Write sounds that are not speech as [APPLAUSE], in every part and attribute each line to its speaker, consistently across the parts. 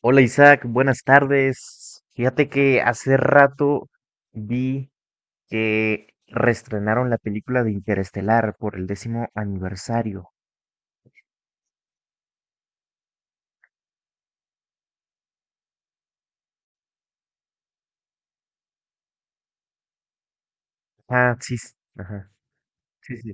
Speaker 1: Hola Isaac, buenas tardes. Fíjate que hace rato vi que reestrenaron la película de Interestelar por el décimo aniversario. Ah, sí, ajá, sí, sí.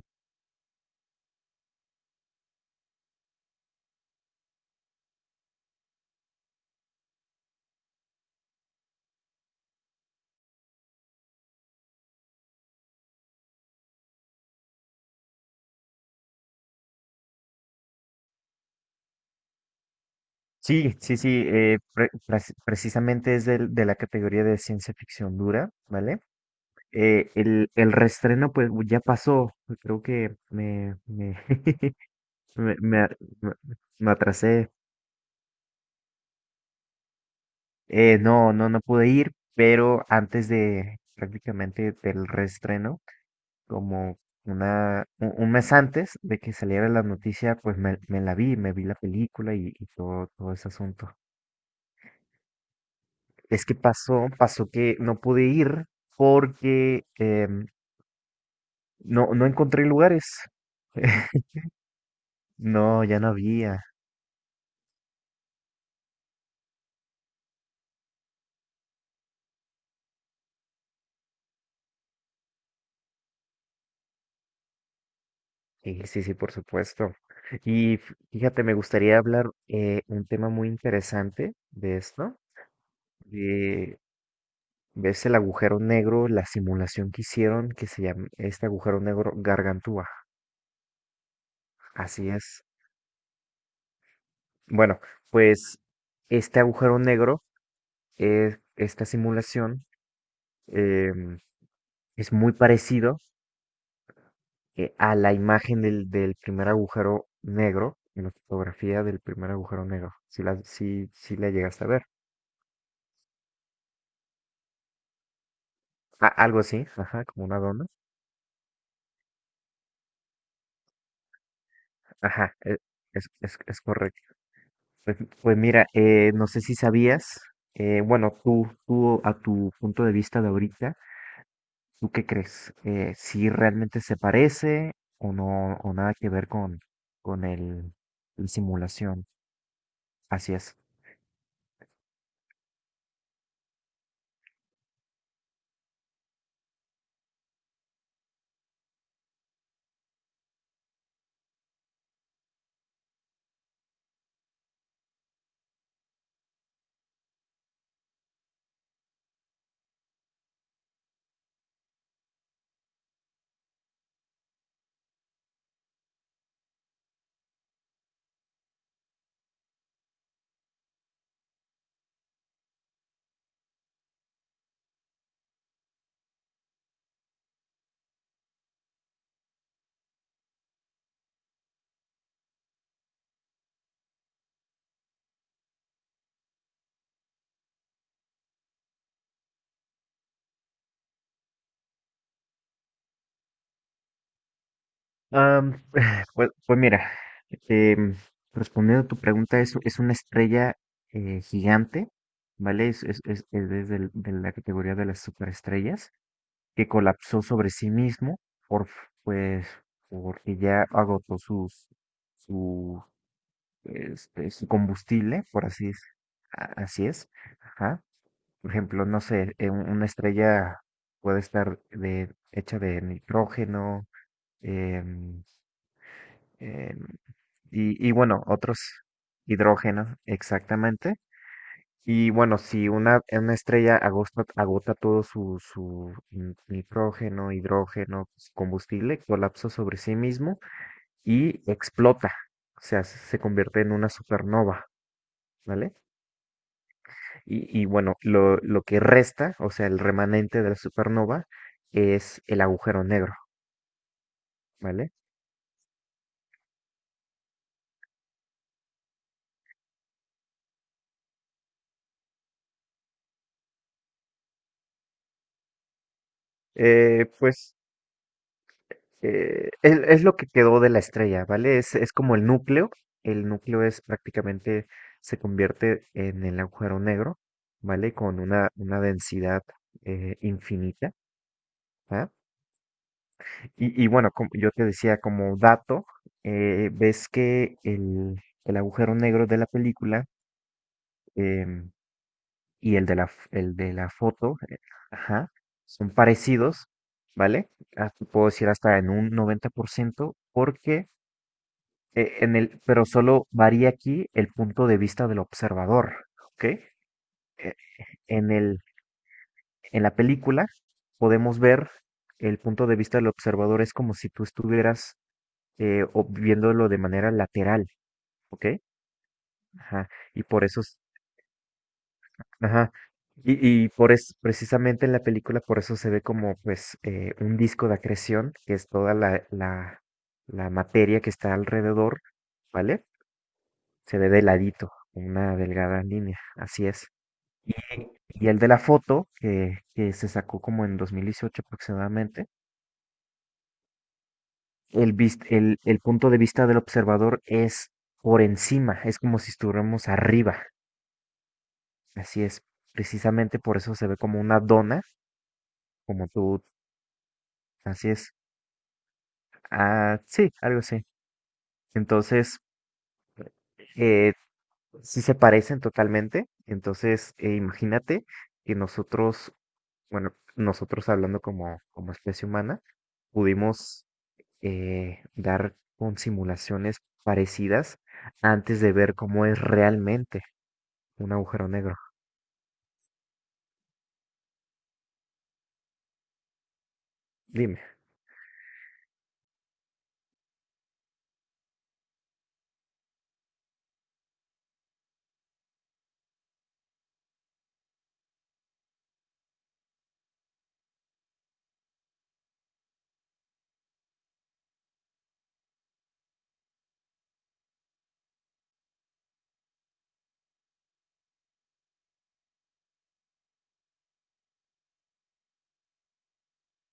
Speaker 1: Sí, sí, sí, precisamente es de la categoría de ciencia ficción dura, ¿vale? El reestreno pues ya pasó, creo que [LAUGHS] me, me a- me- me atrasé. No, no pude ir, pero antes de prácticamente del reestreno, como un mes antes de que saliera la noticia, pues me la vi, me vi la película y, todo ese asunto. Es que pasó que no pude ir porque no, no encontré lugares. [LAUGHS] No, ya no había. Sí, sí, sí, por supuesto. Y fíjate, me gustaría hablar un tema muy interesante de esto. ¿Ves el agujero negro, la simulación que hicieron que se llama este agujero negro Gargantúa? Así es. Bueno, pues este agujero negro, esta simulación, eh, es muy parecido a la imagen del primer agujero negro, en la fotografía del primer agujero negro. Si la llegaste a ver. A- algo así, ajá, como una dona. Ajá, es correcto. Pues, pues mira, no sé si sabías, bueno, tú a tu punto de vista de ahorita, ¿tú qué crees? ¿Si realmente se parece o no, o nada que ver con, con el, el simulación? Así es. Am, [LAUGHS] [SIGHS] pues, pues mira, em, respondiendo a tu pregunta, es una estrella gigante, ¿vale? Es desde de la categoría de las superestrellas, que colapsó sobre sí mismo por, pues, porque ya agotó su, su combustible, por así es. Así es. Ajá. Por ejemplo, no sé, una estrella puede estar de, hecha de nitrógeno, em, em, y bueno, otros hidrógenos, exactamente. Y bueno, si una estrella agota todo nitrógeno, hidrógeno, su combustible, colapsa sobre sí mismo y explota. O sea, se convierte en una supernova, ¿vale? Y bueno, lo que resta, o sea, el remanente de la supernova es el agujero negro, ¿vale? Pues es lo que quedó de la estrella, ¿vale? Es como el núcleo. El núcleo es prácticamente, se convierte en el agujero negro, ¿vale? Con una densidad infinita. ¿Ah? Y bueno, como yo te decía como dato, ves que el agujero negro de la película em, y el de la, el de la foto, ajá, son parecidos, ¿vale? Ah, te puedo decir hasta en un 90% porque pero solo varía aquí el punto de vista del observador, ¿ok? En el, en la película podemos ver el punto de vista del observador es como si tú estuvieras viéndolo de manera lateral, ¿ok? Ajá, y por eso, ajá, y, precisamente en la película por eso se ve como pues un disco de acreción, que es toda la materia que está alrededor, ¿vale? Se ve de ladito, una delgada línea, así es. Y el de la foto, que se sacó como en 2018 aproximadamente, el punto de vista del observador es por encima, es como si estuviéramos arriba. Así es, precisamente por eso se ve como una dona, como tú, así es. Ah, sí, algo así. Entonces, eh, sí se parecen totalmente. Entonces, imagínate que nosotros, bueno, nosotros hablando como especie humana, pudimos dar con simulaciones parecidas antes de ver cómo es realmente un agujero negro. Dime.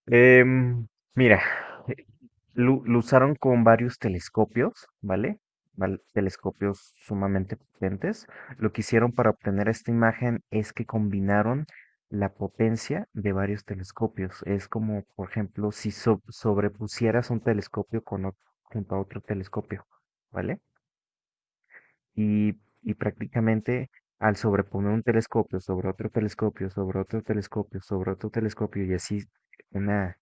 Speaker 1: Em, mira, eh, lo usaron con varios telescopios, ¿vale? Telescopios sumamente potentes. Lo que hicieron para obtener esta imagen es que combinaron la potencia de varios telescopios. Es como, por ejemplo, si sobrepusieras un telescopio con junto a otro telescopio, ¿vale? Y, y prácticamente al sobreponer un telescopio sobre otro telescopio, sobre otro telescopio, sobre otro telescopio y así una,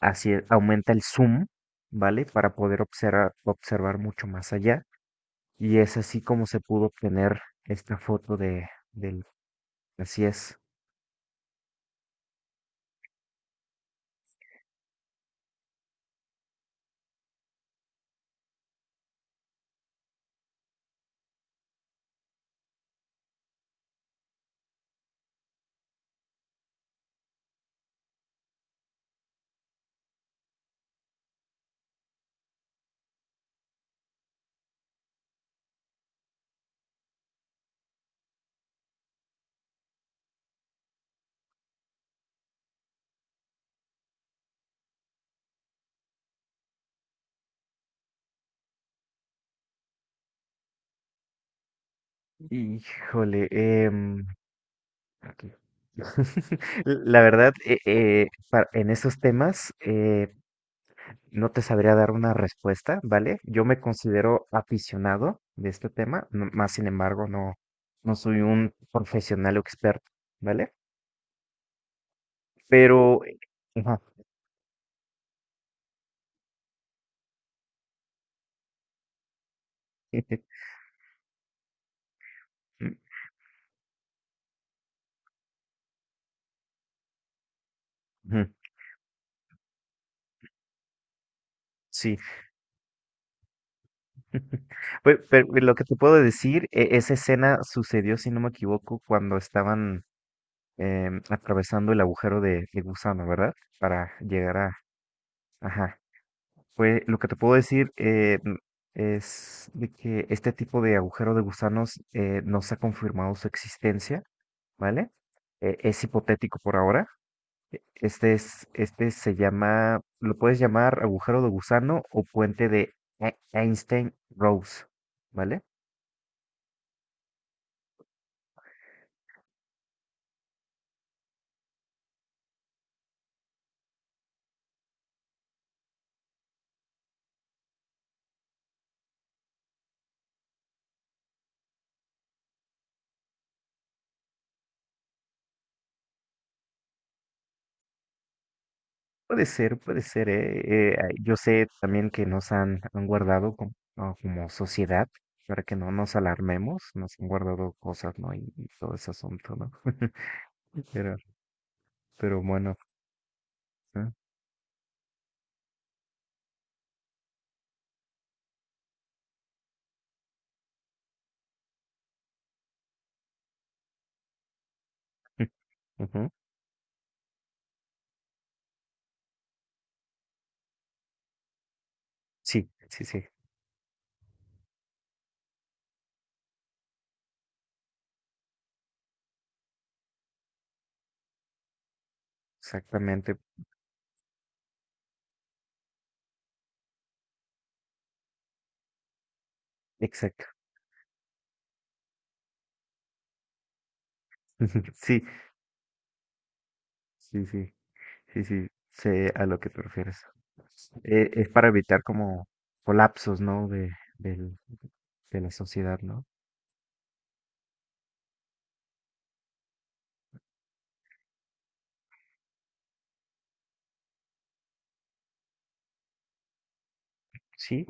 Speaker 1: así aumenta el zoom, ¿vale? Para poder observar mucho más allá. Y es así como se pudo obtener esta foto del, así es. Híjole, aquí. [LAUGHS] La verdad, en esos temas, no te sabría dar una respuesta, ¿vale? Yo me considero aficionado de este tema, no, más sin embargo, no, no soy un profesional o experto, ¿vale? Pero, ajá, [LAUGHS] ujú, sí. [LAUGHS] Pues, pero lo que te puedo decir, esa escena sucedió, si no me equivoco, cuando estaban atravesando el agujero de gusano, ¿verdad? Para llegar a, ajá. Pues lo que te puedo decir es de que este tipo de agujero de gusanos no se ha confirmado su existencia, ¿vale? Es hipotético por ahora. Este es, este se llama, lo puedes llamar agujero de gusano o puente de Einstein-Rose, ¿vale? Puede ser, puede ser. Eh, ah, yo sé también que han guardado no, como sociedad para que no nos alarmemos, nos han guardado cosas, ¿no? Y todo ese asunto, ¿no? [LAUGHS] Pero, pero bueno, ¿eh? [LAUGHS] Ujú. Sí, sí, sí, exactamente, exacto. [LAUGHS] Sí, sí, sí, sí, sí, sé a lo que te refieres. Es para evitar como colapsos, ¿no? De, del- de la sociedad, ¿no? Sí,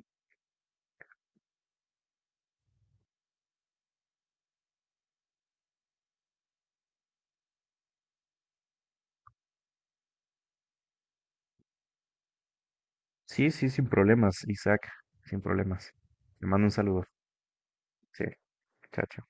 Speaker 1: sí, sí, sin problemas, Isaac, sin problemas. Te mando un saludo. Sí, chao.